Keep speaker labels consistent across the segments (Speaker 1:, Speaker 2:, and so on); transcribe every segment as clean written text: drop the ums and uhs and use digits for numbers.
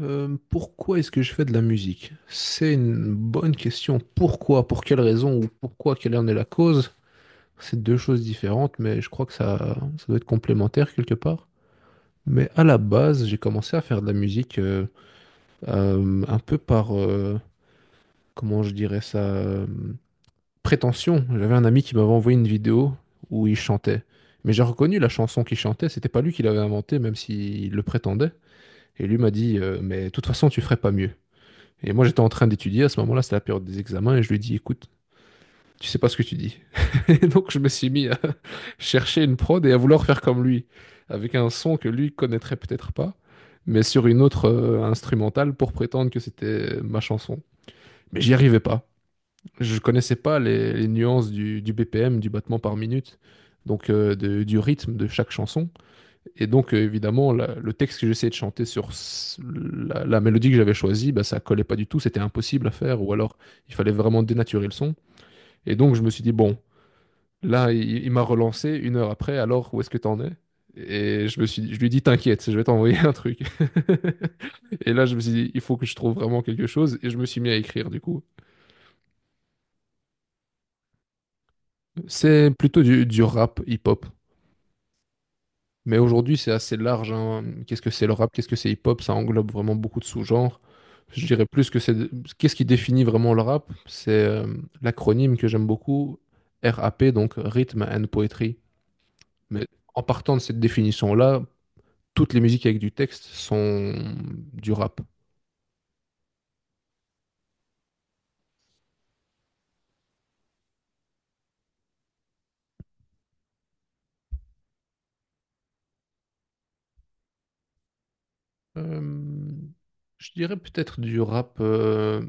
Speaker 1: Pourquoi est-ce que je fais de la musique? C'est une bonne question. Pourquoi? Pour quelle raison? Ou pourquoi? Quelle en est la cause? C'est deux choses différentes, mais je crois que ça doit être complémentaire quelque part. Mais à la base, j'ai commencé à faire de la musique un peu par, comment je dirais ça, prétention. J'avais un ami qui m'avait envoyé une vidéo où il chantait. Mais j'ai reconnu la chanson qu'il chantait. C'était pas lui qui l'avait inventée, même s'il le prétendait. Et lui m'a dit, mais de toute façon, tu ferais pas mieux. Et moi, j'étais en train d'étudier. À ce moment-là, c'était la période des examens. Et je lui dis, écoute, tu sais pas ce que tu dis. Et donc, je me suis mis à chercher une prod et à vouloir faire comme lui, avec un son que lui connaîtrait peut-être pas, mais sur une autre instrumentale pour prétendre que c'était ma chanson. Mais j'y arrivais pas. Je connaissais pas les nuances du BPM, du battement par minute, donc du rythme de chaque chanson. Et donc, évidemment, le texte que j'essayais de chanter sur la mélodie que j'avais choisie, bah, ça collait pas du tout, c'était impossible à faire, ou alors il fallait vraiment dénaturer le son. Et donc, je me suis dit, bon, là, il m'a relancé une heure après, alors où est-ce que t'en es? Et je me suis, je lui ai dit, t'inquiète, je vais t'envoyer un truc. Et là, je me suis dit, il faut que je trouve vraiment quelque chose, et je me suis mis à écrire, du coup. C'est plutôt du rap hip-hop. Mais aujourd'hui, c'est assez large, hein. Qu'est-ce que c'est le rap? Qu'est-ce que c'est hip-hop? Ça englobe vraiment beaucoup de sous-genres. Je dirais plus que c'est... Qu'est-ce qui définit vraiment le rap? C'est l'acronyme que j'aime beaucoup, RAP, donc Rhythm and Poetry. Mais en partant de cette définition-là, toutes les musiques avec du texte sont du rap. Euh, je dirais peut-être du rap. euh,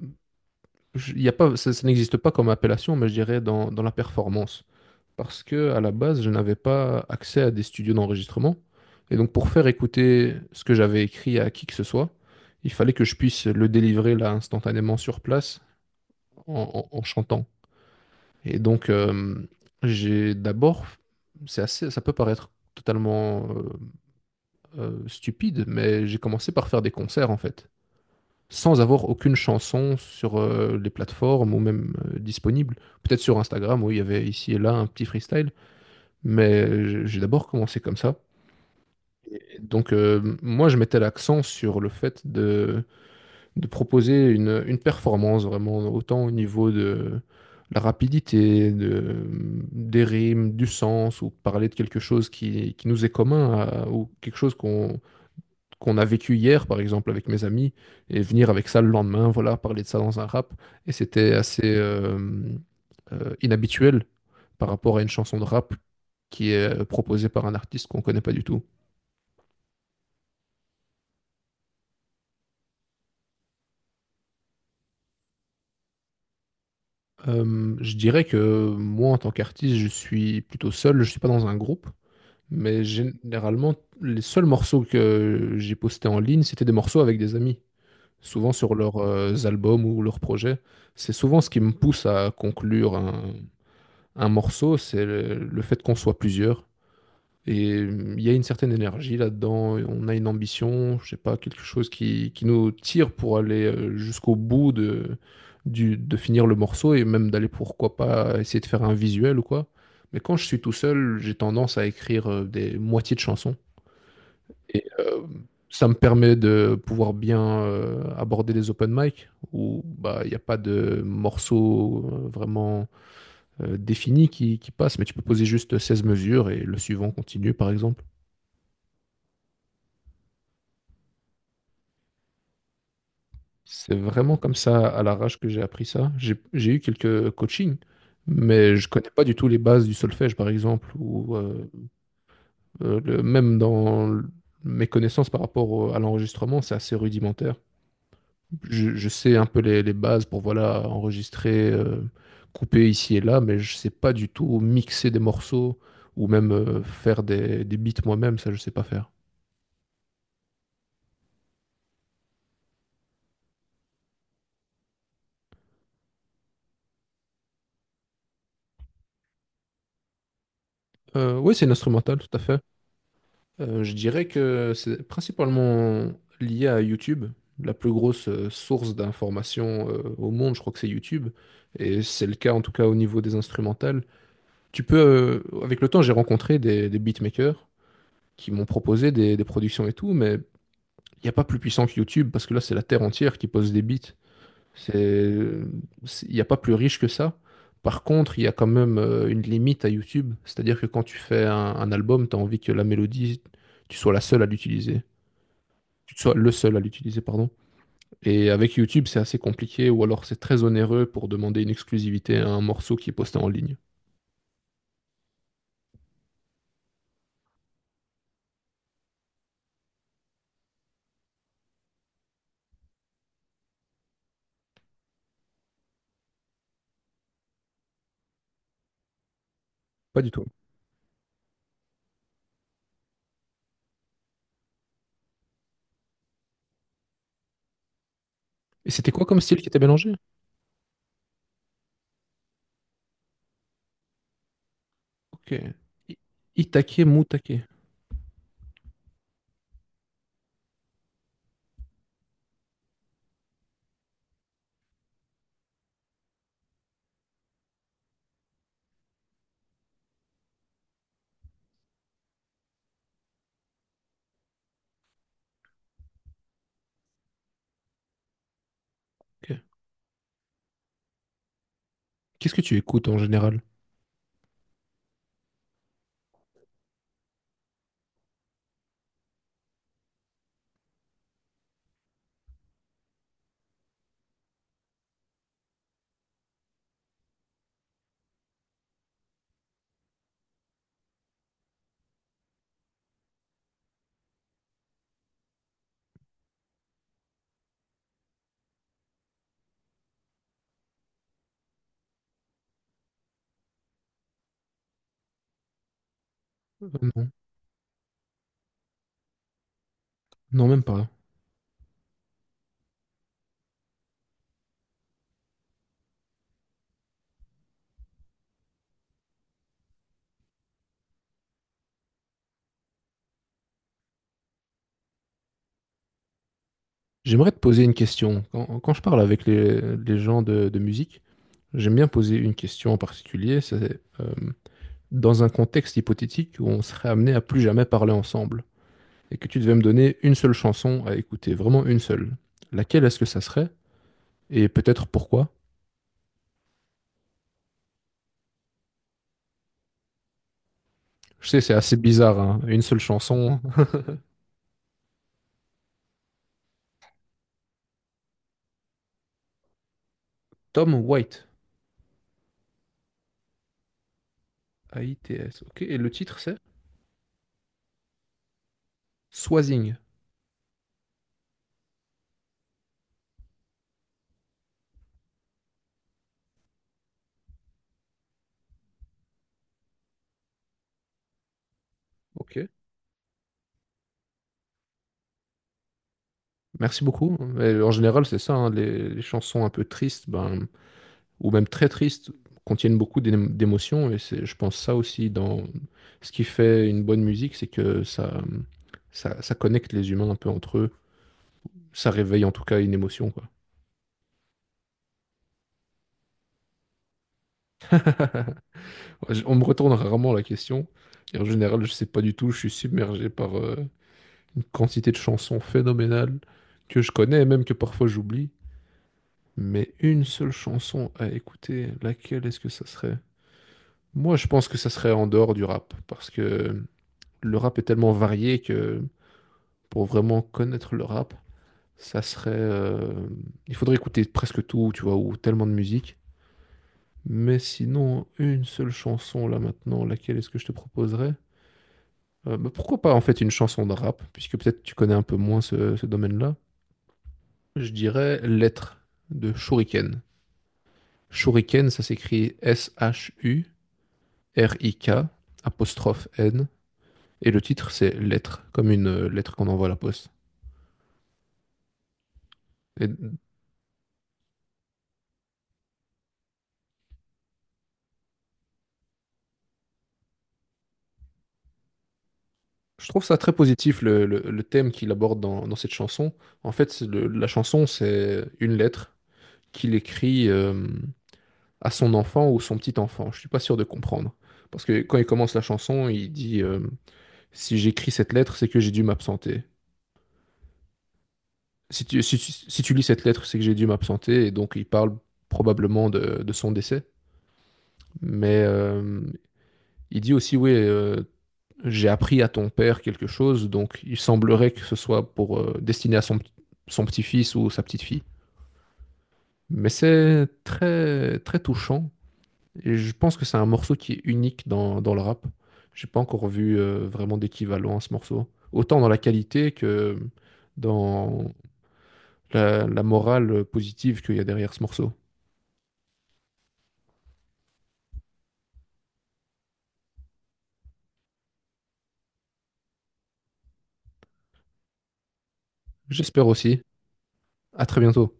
Speaker 1: je- Y a pas, ça n'existe pas comme appellation, mais je dirais dans, la performance, parce que à la base, je n'avais pas accès à des studios d'enregistrement. Et donc, pour faire écouter ce que j'avais écrit à qui que ce soit, il fallait que je puisse le délivrer là instantanément sur place en chantant. Et donc, j'ai d'abord, c'est assez, ça peut paraître totalement stupide, mais j'ai commencé par faire des concerts en fait, sans avoir aucune chanson sur les plateformes ou même disponible. Peut-être sur Instagram, où il y avait ici et là un petit freestyle. Mais j'ai d'abord commencé comme ça. Et donc, moi, je mettais l'accent sur le fait de proposer une performance vraiment, autant au niveau de la rapidité, des rimes, du sens, ou parler de quelque chose qui nous est commun, ou quelque chose qu'on a vécu hier, par exemple, avec mes amis, et venir avec ça le lendemain, voilà, parler de ça dans un rap. Et c'était assez inhabituel par rapport à une chanson de rap qui est proposée par un artiste qu'on connaît pas du tout. Je dirais que moi, en tant qu'artiste, je suis plutôt seul, je suis pas dans un groupe, mais généralement, les seuls morceaux que j'ai postés en ligne, c'était des morceaux avec des amis, souvent sur leurs albums ou leurs projets. C'est souvent ce qui me pousse à conclure un morceau, c'est le fait qu'on soit plusieurs. Et il y a une certaine énergie là-dedans, et on a une ambition, je sais pas, quelque chose qui nous tire pour aller jusqu'au bout de finir le morceau et même d'aller pourquoi pas essayer de faire un visuel ou quoi. Mais quand je suis tout seul, j'ai tendance à écrire des moitiés de chansons. Et euh, Ça me permet de pouvoir bien aborder les open mic où bah il n'y a pas de morceau vraiment défini qui passe, mais tu peux poser juste 16 mesures et le suivant continue par exemple. C'est vraiment comme ça, à l'arrache que j'ai appris ça. J'ai eu quelques coachings, mais je connais pas du tout les bases du solfège, par exemple, ou même dans mes connaissances par rapport à l'enregistrement, c'est assez rudimentaire. Je sais un peu les bases pour voilà enregistrer, couper ici et là, mais je sais pas du tout mixer des morceaux ou même faire des beats moi-même, ça je sais pas faire. Oui, c'est une instrumentale, tout à fait. Je dirais que c'est principalement lié à YouTube, la plus grosse source d'information au monde, je crois que c'est YouTube, et c'est le cas en tout cas au niveau des instrumentales. Tu peux, avec le temps, j'ai rencontré des beatmakers qui m'ont proposé des productions et tout, mais il n'y a pas plus puissant que YouTube parce que là, c'est la terre entière qui pose des beats. C'est, c'est, il n'y a pas plus riche que ça. Par contre, il y a quand même une limite à YouTube, c'est-à-dire que quand tu fais un album, tu as envie que la mélodie, tu sois la seule à l'utiliser, tu sois le seul à l'utiliser, pardon. Et avec YouTube, c'est assez compliqué, ou alors c'est très onéreux pour demander une exclusivité à un morceau qui est posté en ligne. Pas du tout. Et c'était quoi comme style qui était mélangé? Ok. I- Itake, Mutake. Ok. Qu'est-ce que tu écoutes en général? Euh, non. Non, même pas. J'aimerais te poser une question. Quand je parle avec les gens de musique, j'aime bien poser une question en particulier. C'est dans un contexte hypothétique où on serait amené à plus jamais parler ensemble et que tu devais me donner une seule chanson à écouter, vraiment une seule. Laquelle est-ce que ça serait et peut-être pourquoi? Je sais, c'est assez bizarre, hein, une seule chanson. Tom White, A-I-T-S. Ok, et le titre c'est Swazing. Ok. Merci beaucoup. Mais en général, c'est ça, hein, les chansons un peu tristes, ben, ou même très tristes, contiennent beaucoup d'émotions. Et c'est, je pense ça aussi dans ce qui fait une bonne musique, c'est que ça connecte les humains un peu entre eux. Ça réveille en tout cas une émotion, quoi. Ouais, on me retourne rarement la question. Et en général, je sais pas du tout. Je suis submergé par une quantité de chansons phénoménales que je connais et même que parfois j'oublie. Mais une seule chanson à écouter, laquelle est-ce que ça serait? Moi, je pense que ça serait en dehors du rap, parce que le rap est tellement varié que pour vraiment connaître le rap, ça serait, il faudrait écouter presque tout, tu vois, ou tellement de musique. Mais sinon, une seule chanson là maintenant, laquelle est-ce que je te proposerais? Bah, pourquoi pas en fait une chanson de rap, puisque peut-être tu connais un peu moins ce domaine-là. Je dirais Lettre de Shuriken. Shuriken, ça s'écrit S-H-U-R-I-K, apostrophe N, et le titre c'est Lettre, comme une lettre qu'on envoie à la poste. Et je trouve ça très positif le thème qu'il aborde dans, cette chanson. En fait, c'est la chanson, c'est une lettre qu'il écrit à son enfant ou son petit enfant. Je suis pas sûr de comprendre. Parce que quand il commence la chanson, il dit si j'écris cette lettre, c'est que j'ai dû m'absenter. Si tu lis cette lettre, c'est que j'ai dû m'absenter. Et donc, il parle probablement de son décès. Mais il dit aussi oui, j'ai appris à ton père quelque chose, donc il semblerait que ce soit pour destiné à son petit-fils ou sa petite-fille. Mais c'est très très touchant et je pense que c'est un morceau qui est unique dans, le rap. J'ai pas encore vu vraiment d'équivalent à ce morceau, autant dans la qualité que dans la morale positive qu'il y a derrière ce morceau. J'espère aussi. À très bientôt.